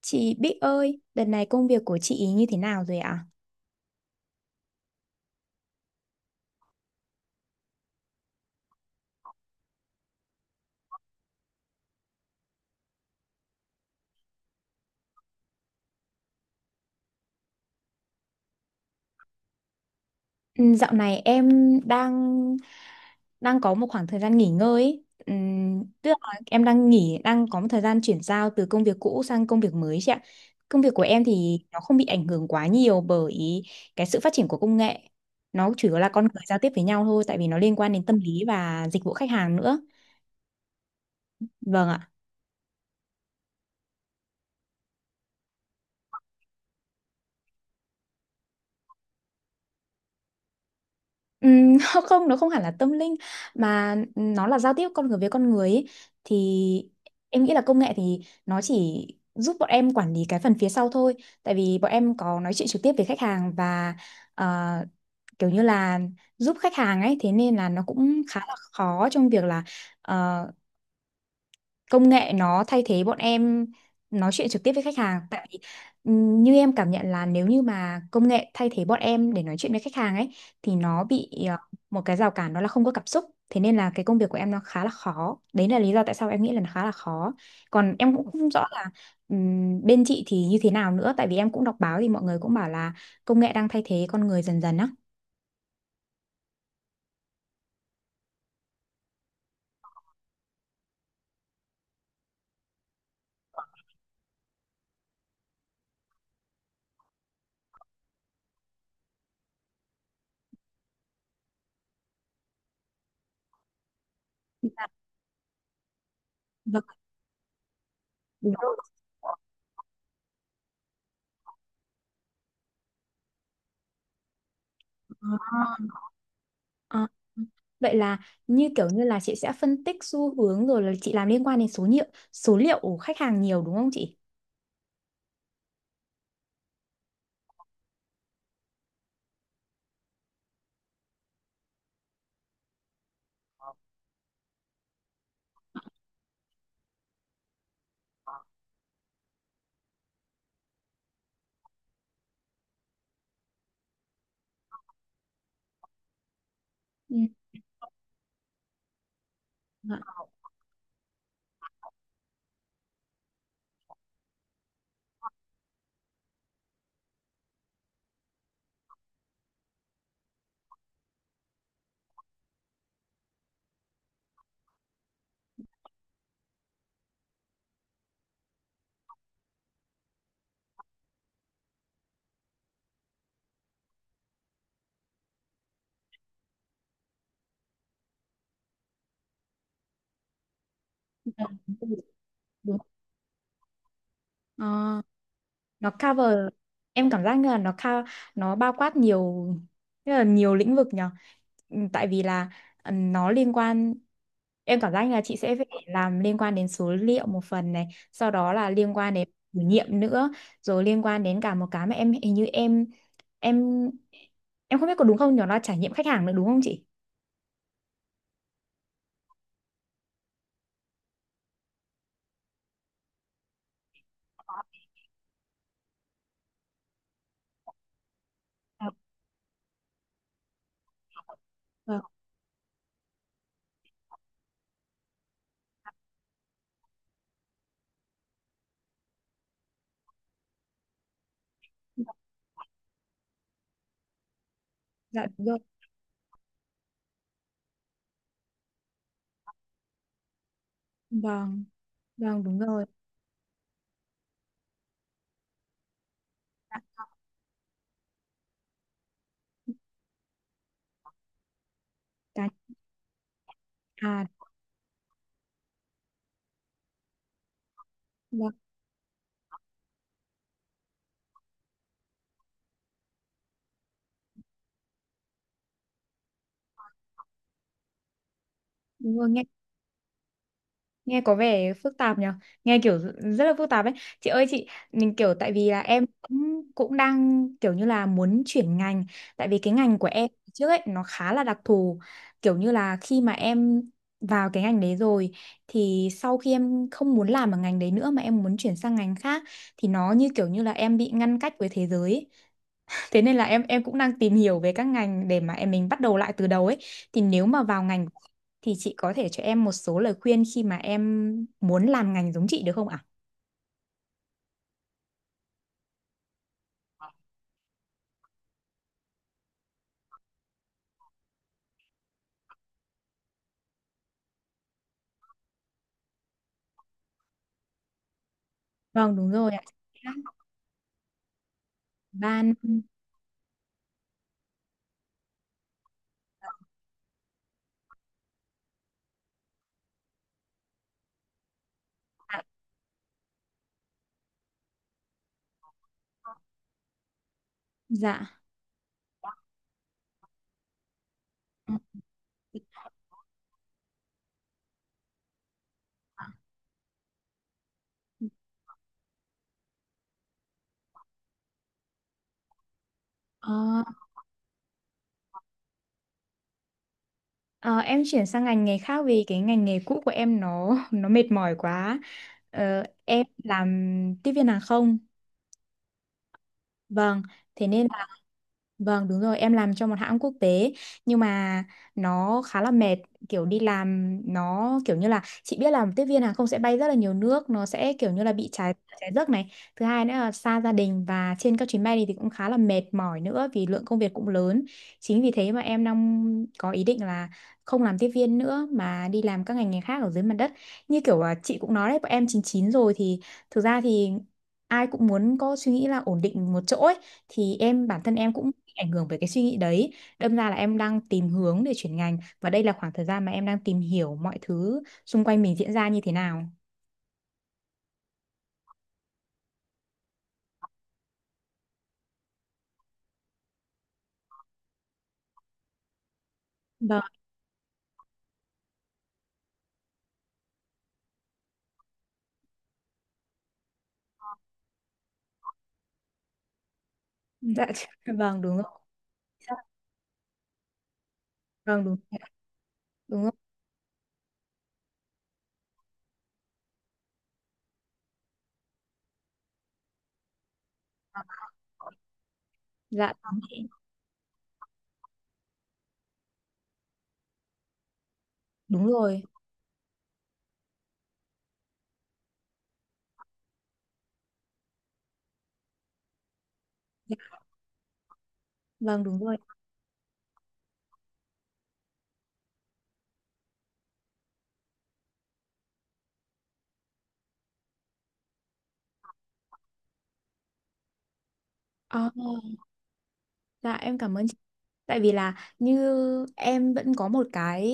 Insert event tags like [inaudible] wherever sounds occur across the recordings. Chị Bích ơi, đợt này công việc của chị ý như thế nào rồi ạ? Ừ, dạo này em đang đang có một khoảng thời gian nghỉ ngơi ấy. Tức là em đang nghỉ, đang có một thời gian chuyển giao từ công việc cũ sang công việc mới chị ạ. Công việc của em thì nó không bị ảnh hưởng quá nhiều bởi cái sự phát triển của công nghệ. Nó chủ yếu là con người giao tiếp với nhau thôi, tại vì nó liên quan đến tâm lý và dịch vụ khách hàng nữa. Vâng ạ. Ừm, [laughs] Không, nó không hẳn là tâm linh mà nó là giao tiếp con người với con người ấy. Thì em nghĩ là công nghệ thì nó chỉ giúp bọn em quản lý cái phần phía sau thôi, tại vì bọn em có nói chuyện trực tiếp với khách hàng và ờ, kiểu như là giúp khách hàng ấy, thế nên là nó cũng khá là khó trong việc là ờ, công nghệ nó thay thế bọn em nói chuyện trực tiếp với khách hàng. Tại vì như em cảm nhận là nếu như mà công nghệ thay thế bọn em để nói chuyện với khách hàng ấy thì nó bị một cái rào cản đó là không có cảm xúc, thế nên là cái công việc của em nó khá là khó, đấy là lý do tại sao em nghĩ là nó khá là khó. Còn em cũng không rõ là bên chị thì như thế nào nữa, tại vì em cũng đọc báo thì mọi người cũng bảo là công nghệ đang thay thế con người dần dần á. Dạ, vâng, đúng rồi. Ờ, Vậy là như kiểu như là chị sẽ phân tích xu hướng rồi là chị làm liên quan đến số liệu của khách hàng nhiều đúng không chị? Ừ. Dạ. Ờ, Đúng. Ờ, nó cover, em cảm giác như là nó nó bao quát nhiều, rất là nhiều lĩnh vực nhở. Ừ, tại vì là nó liên quan em cảm giác như là chị sẽ phải làm liên quan đến số liệu một phần này, sau đó là liên quan đến thử nghiệm nữa, rồi liên quan đến cả một cái mà em hình như em em không biết có đúng không nhỏ là trải nghiệm khách hàng nữa đúng không chị? Dạ, vâng, dạ đúng rồi. Vâng, vâng đúng rồi. Dạ, cái- à, vâng, đúng rồi, nghe nghe có vẻ phức tạp nhở, nghe kiểu rất là phức tạp ấy. Chị ơi chị, mình kiểu tại vì là em cũng cũng đang kiểu như là muốn chuyển ngành, tại vì cái ngành của em trước ấy nó khá là đặc thù, kiểu như là khi mà em vào cái ngành đấy rồi thì sau khi em không muốn làm ở ngành đấy nữa mà em muốn chuyển sang ngành khác thì nó như kiểu như là em bị ngăn cách với thế giới ấy. Thế nên là em cũng đang tìm hiểu về các ngành để mà em mình bắt đầu lại từ đầu ấy. Thì nếu mà vào ngành của chị, thì chị có thể cho em một số lời khuyên khi mà em muốn làm ngành giống chị được không ạ? Vâng đúng rồi ạ. Ban dạ. Dạ. Ờ, ờ, em chuyển sang ngành nghề khác vì cái ngành nghề cũ của em nó mệt mỏi quá. Em làm tiếp viên hàng không. Vâng, thế nên là, vâng đúng rồi, em làm cho một hãng quốc tế, nhưng mà nó khá là mệt, kiểu đi làm nó kiểu như là chị biết là tiếp viên hàng không sẽ bay rất là nhiều nước, nó sẽ kiểu như là bị trái trái giấc này. Thứ hai nữa là xa gia đình và trên các chuyến bay này thì cũng khá là mệt mỏi nữa vì lượng công việc cũng lớn. Chính vì thế mà em đang có ý định là không làm tiếp viên nữa mà đi làm các ngành nghề khác ở dưới mặt đất. Như kiểu là chị cũng nói đấy, bọn em 99 rồi thì thực ra thì ai cũng muốn có suy nghĩ là ổn định một chỗ ấy, thì em bản thân em cũng bị ảnh hưởng bởi cái suy nghĩ đấy, đâm ra là em đang tìm hướng để chuyển ngành và đây là khoảng thời gian mà em đang tìm hiểu mọi thứ xung quanh mình diễn ra như thế nào. Vâng. Dạ. [laughs] Vâng đúng rồi. Dạ, vâng đúng, đúng rồi. Dạ đúng rồi. Đúng rồi. Dạ, vâng đúng rồi. Ờ, dạ em cảm ơn. Tại vì là, như em vẫn có một cái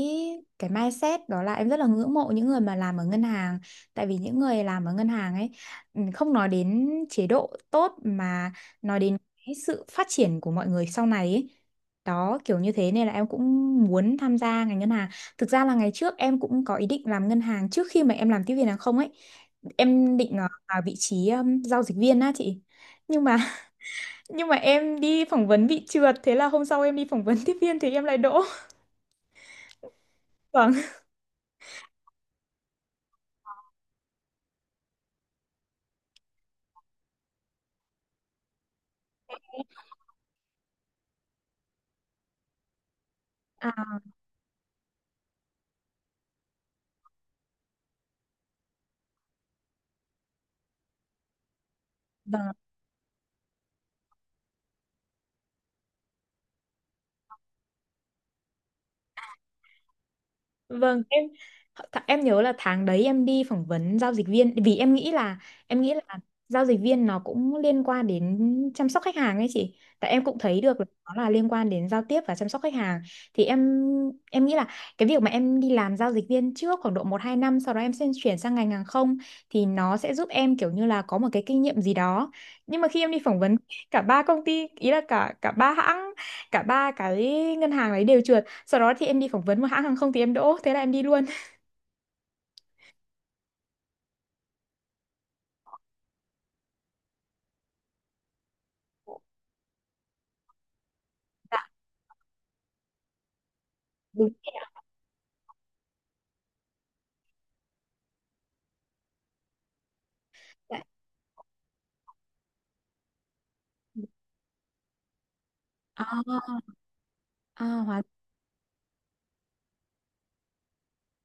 cái mindset đó là em rất là ngưỡng mộ những người mà làm ở ngân hàng. Tại vì những người làm ở ngân hàng ấy, không nói đến chế độ tốt mà nói đến cái sự phát triển của mọi người sau này ấy. Đó kiểu như thế nên là em cũng muốn tham gia ngành ngân hàng. Thực ra là ngày trước em cũng có ý định làm ngân hàng trước khi mà em làm tiếp viên hàng không ấy. Em định vào vị trí giao dịch viên á chị. Nhưng mà nhưng mà em đi phỏng vấn bị trượt, thế là hôm sau em đi phỏng vấn tiếp viên thì em lại đỗ. [laughs] Vâng. À, vâng. Vâng, em nhớ là tháng đấy em đi phỏng vấn giao dịch viên, vì em nghĩ là giao dịch viên nó cũng liên quan đến chăm sóc khách hàng ấy chị. Tại em cũng thấy được là nó là liên quan đến giao tiếp và chăm sóc khách hàng. Thì em nghĩ là cái việc mà em đi làm giao dịch viên trước khoảng độ một 2 năm, sau đó em sẽ chuyển sang ngành hàng không thì nó sẽ giúp em kiểu như là có một cái kinh nghiệm gì đó. Nhưng mà khi em đi phỏng vấn cả ba công ty, ý là cả cả ba hãng, cả ba cái ngân hàng đấy đều chừa, sau đó thì em đi phỏng vấn một hãng hàng không thì em đỗ, thế là em đi luôn. Dạ đúng vậy. À, à hóa,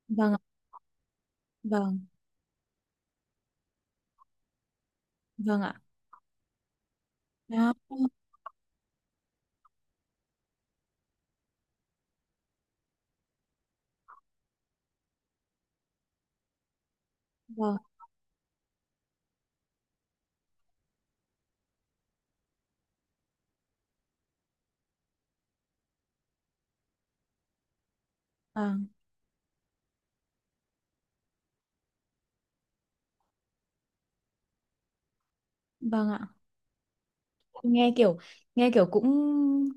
vâng ạ, vâng, vâng ạ. Đó, vâng, vâng, vâng ạ. nghe kiểu nghe kiểu cũng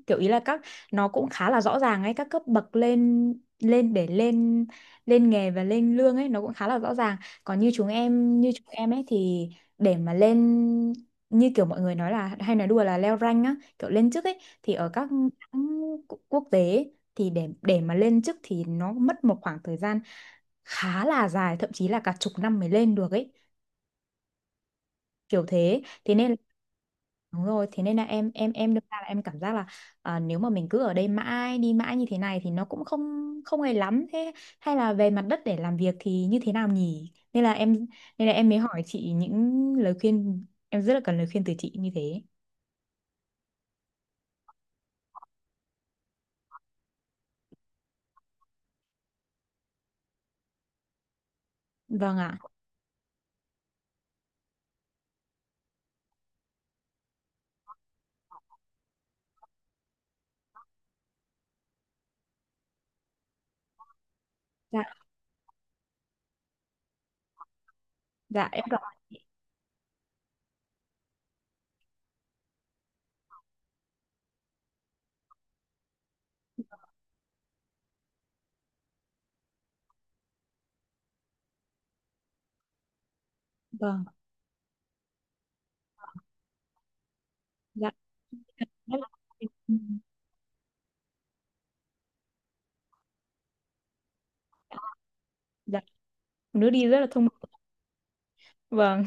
kiểu, ý là nó cũng khá là rõ ràng ấy, các cấp bậc lên lên để lên lên nghề và lên lương ấy nó cũng khá là rõ ràng. Còn như chúng em ấy thì để mà lên, như kiểu mọi người nói là hay nói đùa là leo rank á, kiểu lên chức ấy, thì ở các hãng quốc tế ấy, thì để mà lên chức thì nó mất một khoảng thời gian khá là dài, thậm chí là cả chục năm mới lên được ấy, kiểu thế thế nên. Đúng rồi, thế nên là em đâm ra là em cảm giác là, à, nếu mà mình cứ ở đây mãi đi mãi như thế này thì nó cũng không không hay lắm, thế hay là về mặt đất để làm việc thì như thế nào nhỉ? Nên là em mới hỏi chị những lời khuyên, em rất là cần lời khuyên từ chị như thế. Vâng ạ. Dạ, dạ, em cảm vâng, dạ. Rất là- Dạ, nước đi rất là thông minh. Vâng.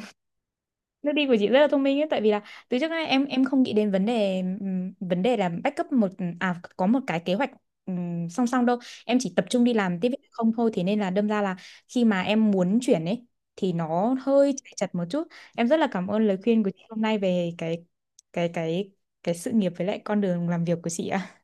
Nước đi của chị rất là thông minh ấy, tại vì là từ trước đến nay em không nghĩ đến vấn đề là backup một à có một cái kế hoạch, song song đâu. Em chỉ tập trung đi làm tiếp việc không thôi, thế nên là đâm ra là khi mà em muốn chuyển ấy thì nó hơi chạy chật một chút. Em rất là cảm ơn lời khuyên của chị hôm nay về cái cái cái sự nghiệp với lại con đường làm việc của chị ạ.